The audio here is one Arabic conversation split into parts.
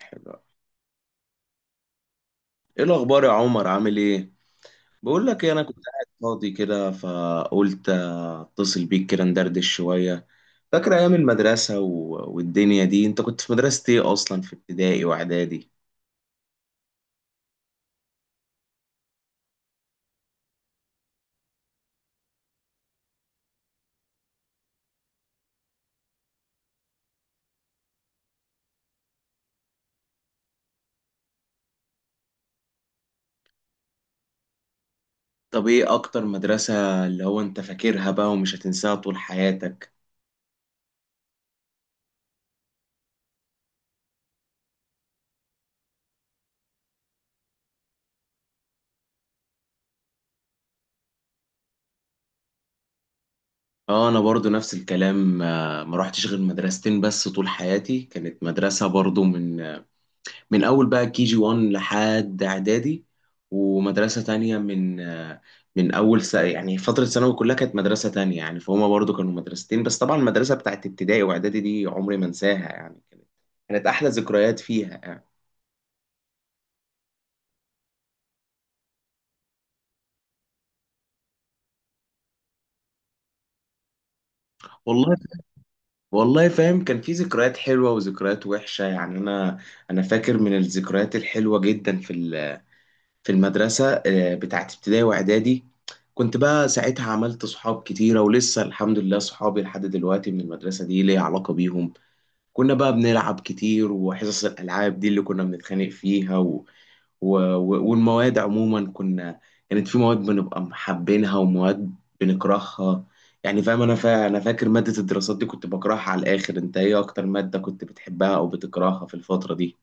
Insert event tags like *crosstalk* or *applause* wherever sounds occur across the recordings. حلو أوي. ايه الاخبار يا عمر؟ عامل ايه؟ بقول لك إيه، انا كنت قاعد فاضي كده فقلت اتصل بيك كده ندردش شويه. فاكر ايام المدرسه و... والدنيا دي؟ انت كنت في مدرسه ايه اصلا في ابتدائي واعدادي؟ طب ايه اكتر مدرسه اللي هو انت فاكرها بقى ومش هتنساها طول حياتك؟ اه، انا برضو نفس الكلام. ما روحتش غير مدرستين بس طول حياتي. كانت مدرسه برضو من اول بقى كي جي 1 لحد اعدادي، ومدرسه تانية من من اول يعني فتره ثانوي كلها كانت مدرسه تانية، يعني فهما برضو كانوا مدرستين بس. طبعا المدرسه بتاعت ابتدائي واعدادي دي عمري ما انساها، يعني كانت احلى ذكريات فيها يعني. والله والله فاهم، كان في ذكريات حلوه وذكريات وحشه يعني. انا فاكر من الذكريات الحلوه جدا في في المدرسة بتاعت ابتدائي وإعدادي. كنت بقى ساعتها عملت صحاب كتيرة، ولسه الحمد لله صحابي لحد دلوقتي من المدرسة دي ليا علاقة بيهم. كنا بقى بنلعب كتير، وحصص الألعاب دي اللي كنا بنتخانق فيها والمواد عموما كانت في مواد بنبقى محبينها، ومواد بنكرهها يعني. فاهم؟ أنا فاكر مادة الدراسات دي كنت بكرهها على الآخر. أنت إيه أكتر مادة كنت بتحبها أو بتكرهها في الفترة دي؟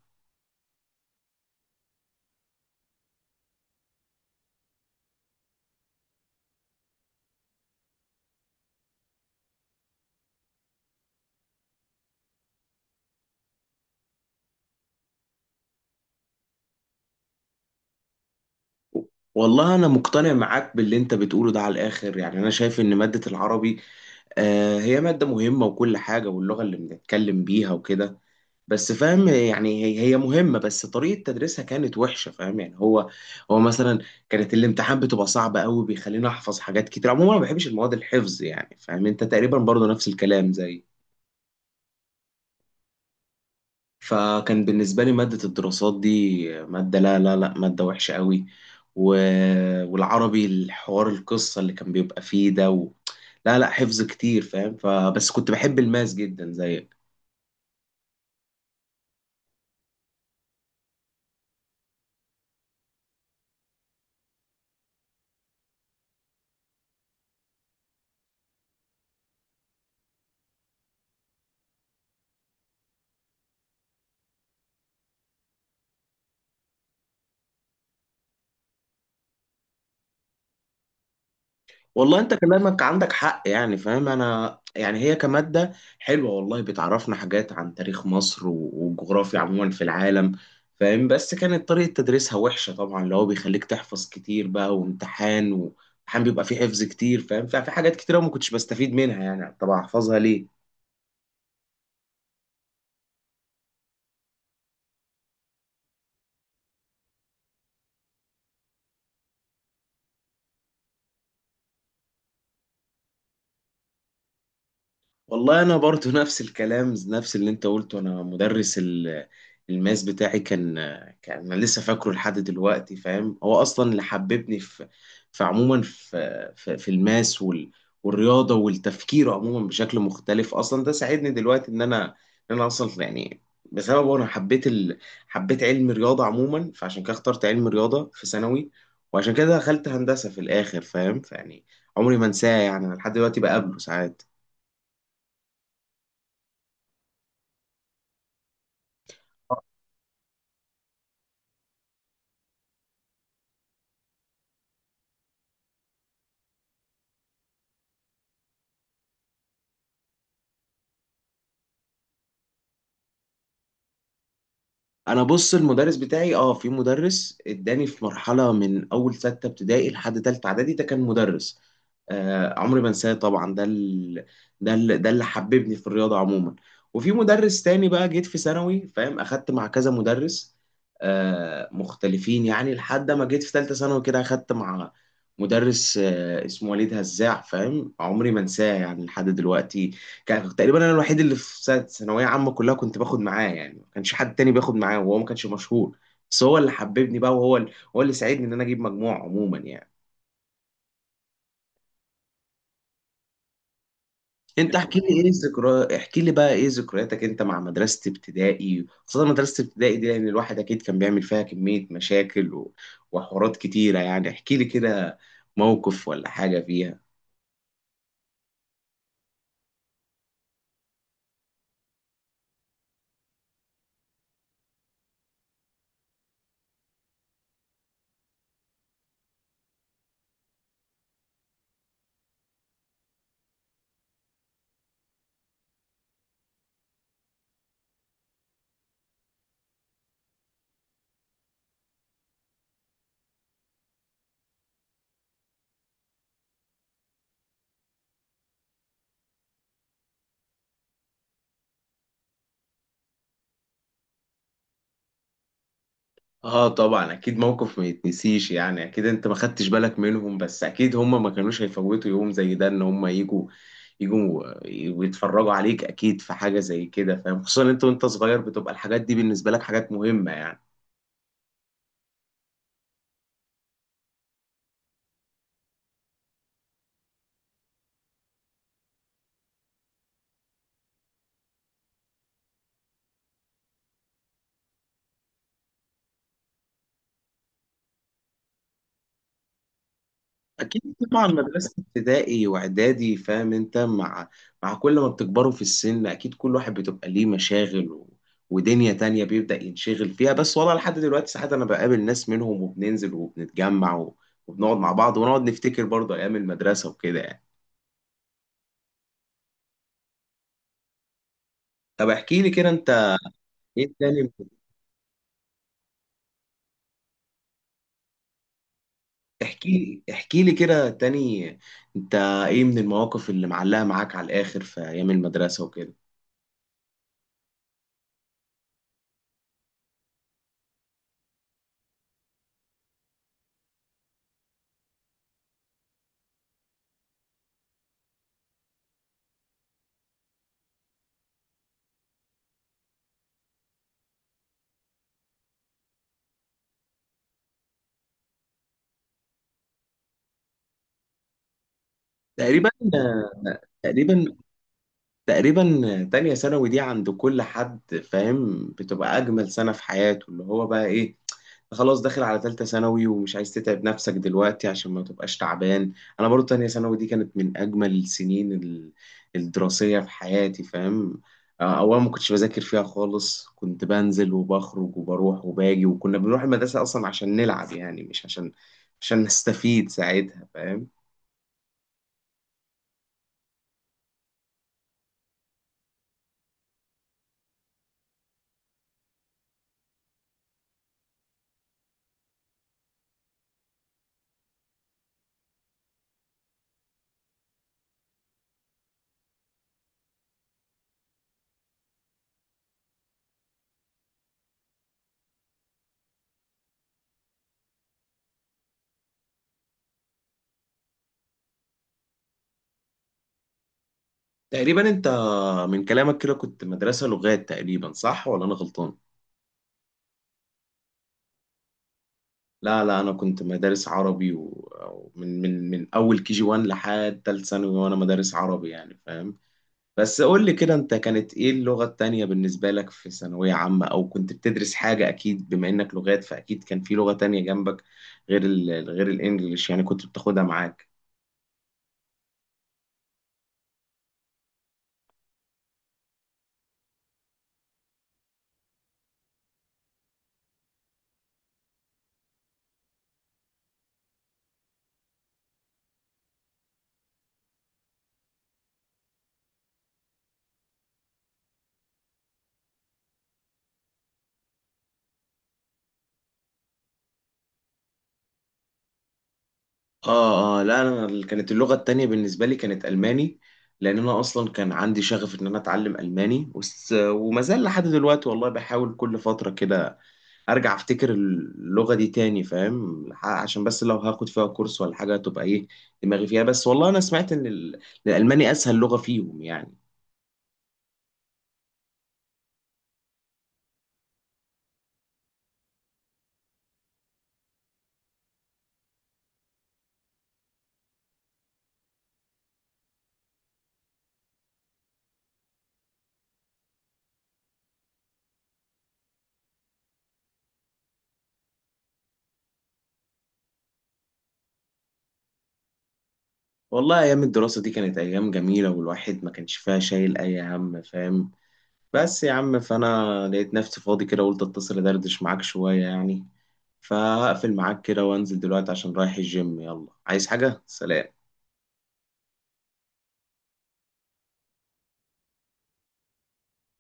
والله أنا مقتنع معاك باللي أنت بتقوله ده على الآخر، يعني أنا شايف إن مادة العربي، آه، هي مادة مهمة وكل حاجة، واللغة اللي بنتكلم بيها وكده. بس فاهم يعني، هي مهمة بس طريقة تدريسها كانت وحشة. فاهم يعني، هو مثلا كانت الامتحان بتبقى صعبة قوي، بيخليني أحفظ حاجات كتير. عموما أنا ما بحبش المواد الحفظ يعني، فاهم؟ أنت تقريبا برضو نفس الكلام زي. فكان بالنسبة لي مادة الدراسات دي مادة، لا، مادة وحشة قوي. و... والعربي الحوار، القصة اللي كان بيبقى فيه ده و... لا، لا حفظ كتير فاهم. فبس كنت بحب الماس جدا زيك. والله انت كلامك عندك حق يعني. فاهم انا يعني هي كمادة حلوة والله، بتعرفنا حاجات عن تاريخ مصر والجغرافيا عموما في العالم. فاهم؟ بس كانت طريقة تدريسها وحشة طبعا، اللي هو بيخليك تحفظ كتير بقى، وامتحان بيبقى فيه حفظ كتير. فاهم؟ ففي حاجات كتير أوي ما كنتش بستفيد منها يعني، طب احفظها ليه؟ والله انا برضو *laughs* نفس الكلام، نفس اللي انت قلته. انا مدرس الماس بتاعي كان، انا لسه فاكره لحد دلوقتي. فاهم، هو اصلا اللي حببني في عموما في في الماس والرياضه والتفكير عموما بشكل مختلف. اصلا ده ساعدني دلوقتي ان انا اصلا يعني بسببه انا حبيت حبيت علم الرياضه عموما. فعشان كده اخترت علم الرياضه في ثانوي، وعشان كده دخلت هندسه في الاخر. فاهم؟ فيعني عمري ما انساه يعني، أنا لحد دلوقتي بقابله ساعات. انا بص، المدرس بتاعي، اه، في مدرس اداني في مرحله من اول سته ابتدائي لحد تالته اعدادي، ده كان مدرس، آه، عمري ما انساه طبعا. ده اللي حببني في الرياضه عموما. وفي مدرس تاني بقى جيت في ثانوي فاهم، اخدت مع كذا مدرس آه مختلفين يعني. لحد ما جيت في ثالثه ثانوي كده اخدت مع مدرس، آه، اسمه وليد هزاع. فاهم، عمري ما انساه يعني لحد دلوقتي. كان تقريبا انا الوحيد اللي في ثانويه عامه كلها كنت باخد معاه يعني، ما كانش حد تاني بياخد معاه، وهو ما كانش مشهور. بس هو اللي حببني بقى، وهو هو اللي ساعدني ان انا اجيب مجموع عموما يعني. انت احكي لي، ايه ذكرى؟ احكي لي بقى ايه ذكرياتك انت مع مدرسه ابتدائي؟ خاصه مدرسه ابتدائي دي، لان الواحد اكيد كان بيعمل فيها كميه مشاكل و... وحوارات كتيره يعني. احكي لي كده موقف ولا حاجه فيها. اه طبعا، اكيد موقف ما يتنسيش يعني. اكيد انت ما خدتش بالك منهم، بس اكيد هم ما كانوش هيفوتوا يوم زي ده ان هم يجوا ويتفرجوا عليك. اكيد في حاجة زي كده. فاهم؟ خصوصا انت وانت صغير بتبقى الحاجات دي بالنسبة لك حاجات مهمة يعني. اكيد طبعا مدرسه ابتدائي واعدادي، فاهم؟ انت مع كل ما بتكبروا في السن اكيد كل واحد بتبقى ليه مشاغل و... ودنيا تانية بيبدأ ينشغل فيها. بس والله لحد دلوقتي ساعات انا بقابل ناس منهم وبننزل وبنتجمع و... وبنقعد مع بعض، ونقعد نفتكر برضه ايام المدرسه وكده يعني. طب احكي لي كده انت ايه تاني؟ احكي، احكي لي كده تاني انت، ايه من المواقف اللي معلقه معاك على الاخر في ايام المدرسه وكده؟ تقريبا تقريبا تقريبا تانية ثانوي دي عند كل حد، فاهم، بتبقى أجمل سنة في حياته، اللي هو بقى إيه، خلاص داخل على تالتة ثانوي ومش عايز تتعب نفسك دلوقتي عشان ما تبقاش تعبان. أنا برضو تانية ثانوي دي كانت من أجمل السنين الدراسية في حياتي. فاهم، أولا ما كنتش بذاكر فيها خالص، كنت بنزل وبخرج وبروح وباجي، وكنا بنروح المدرسة أصلا عشان نلعب يعني، مش عشان نستفيد ساعتها. فاهم؟ تقريبا انت من كلامك كده كنت مدرسة لغات تقريبا، صح ولا انا غلطان؟ لا لا، انا كنت مدارس عربي، ومن من من اول كي جي 1 لحد تالت ثانوي وانا مدارس عربي يعني. فاهم؟ بس قول لي كده انت، كانت ايه اللغة التانية بالنسبة لك في ثانوية عامة؟ او كنت بتدرس حاجة اكيد بما انك لغات، فاكيد كان في لغة تانية جنبك غير غير الانجليش يعني، كنت بتاخدها معاك. اه اه، لا انا كانت اللغه التانية بالنسبه لي كانت الماني، لان انا اصلا كان عندي شغف ان انا اتعلم الماني، وما زال لحد دلوقتي والله، بحاول كل فتره كده ارجع افتكر اللغه دي تاني. فاهم، عشان بس لو هاخد فيها كورس ولا حاجه تبقى ايه دماغي فيها. بس والله انا سمعت ان الالماني اسهل لغه فيهم يعني. والله ايام الدراسه دي كانت ايام جميله، والواحد ما كانش فيها شايل اي هم. فاهم؟ بس يا عم، فانا لقيت نفسي فاضي كده قلت اتصل ادردش معاك شوية يعني، فهقفل معاك كده وانزل دلوقتي عشان رايح الجيم. يلا، عايز حاجة؟ سلام.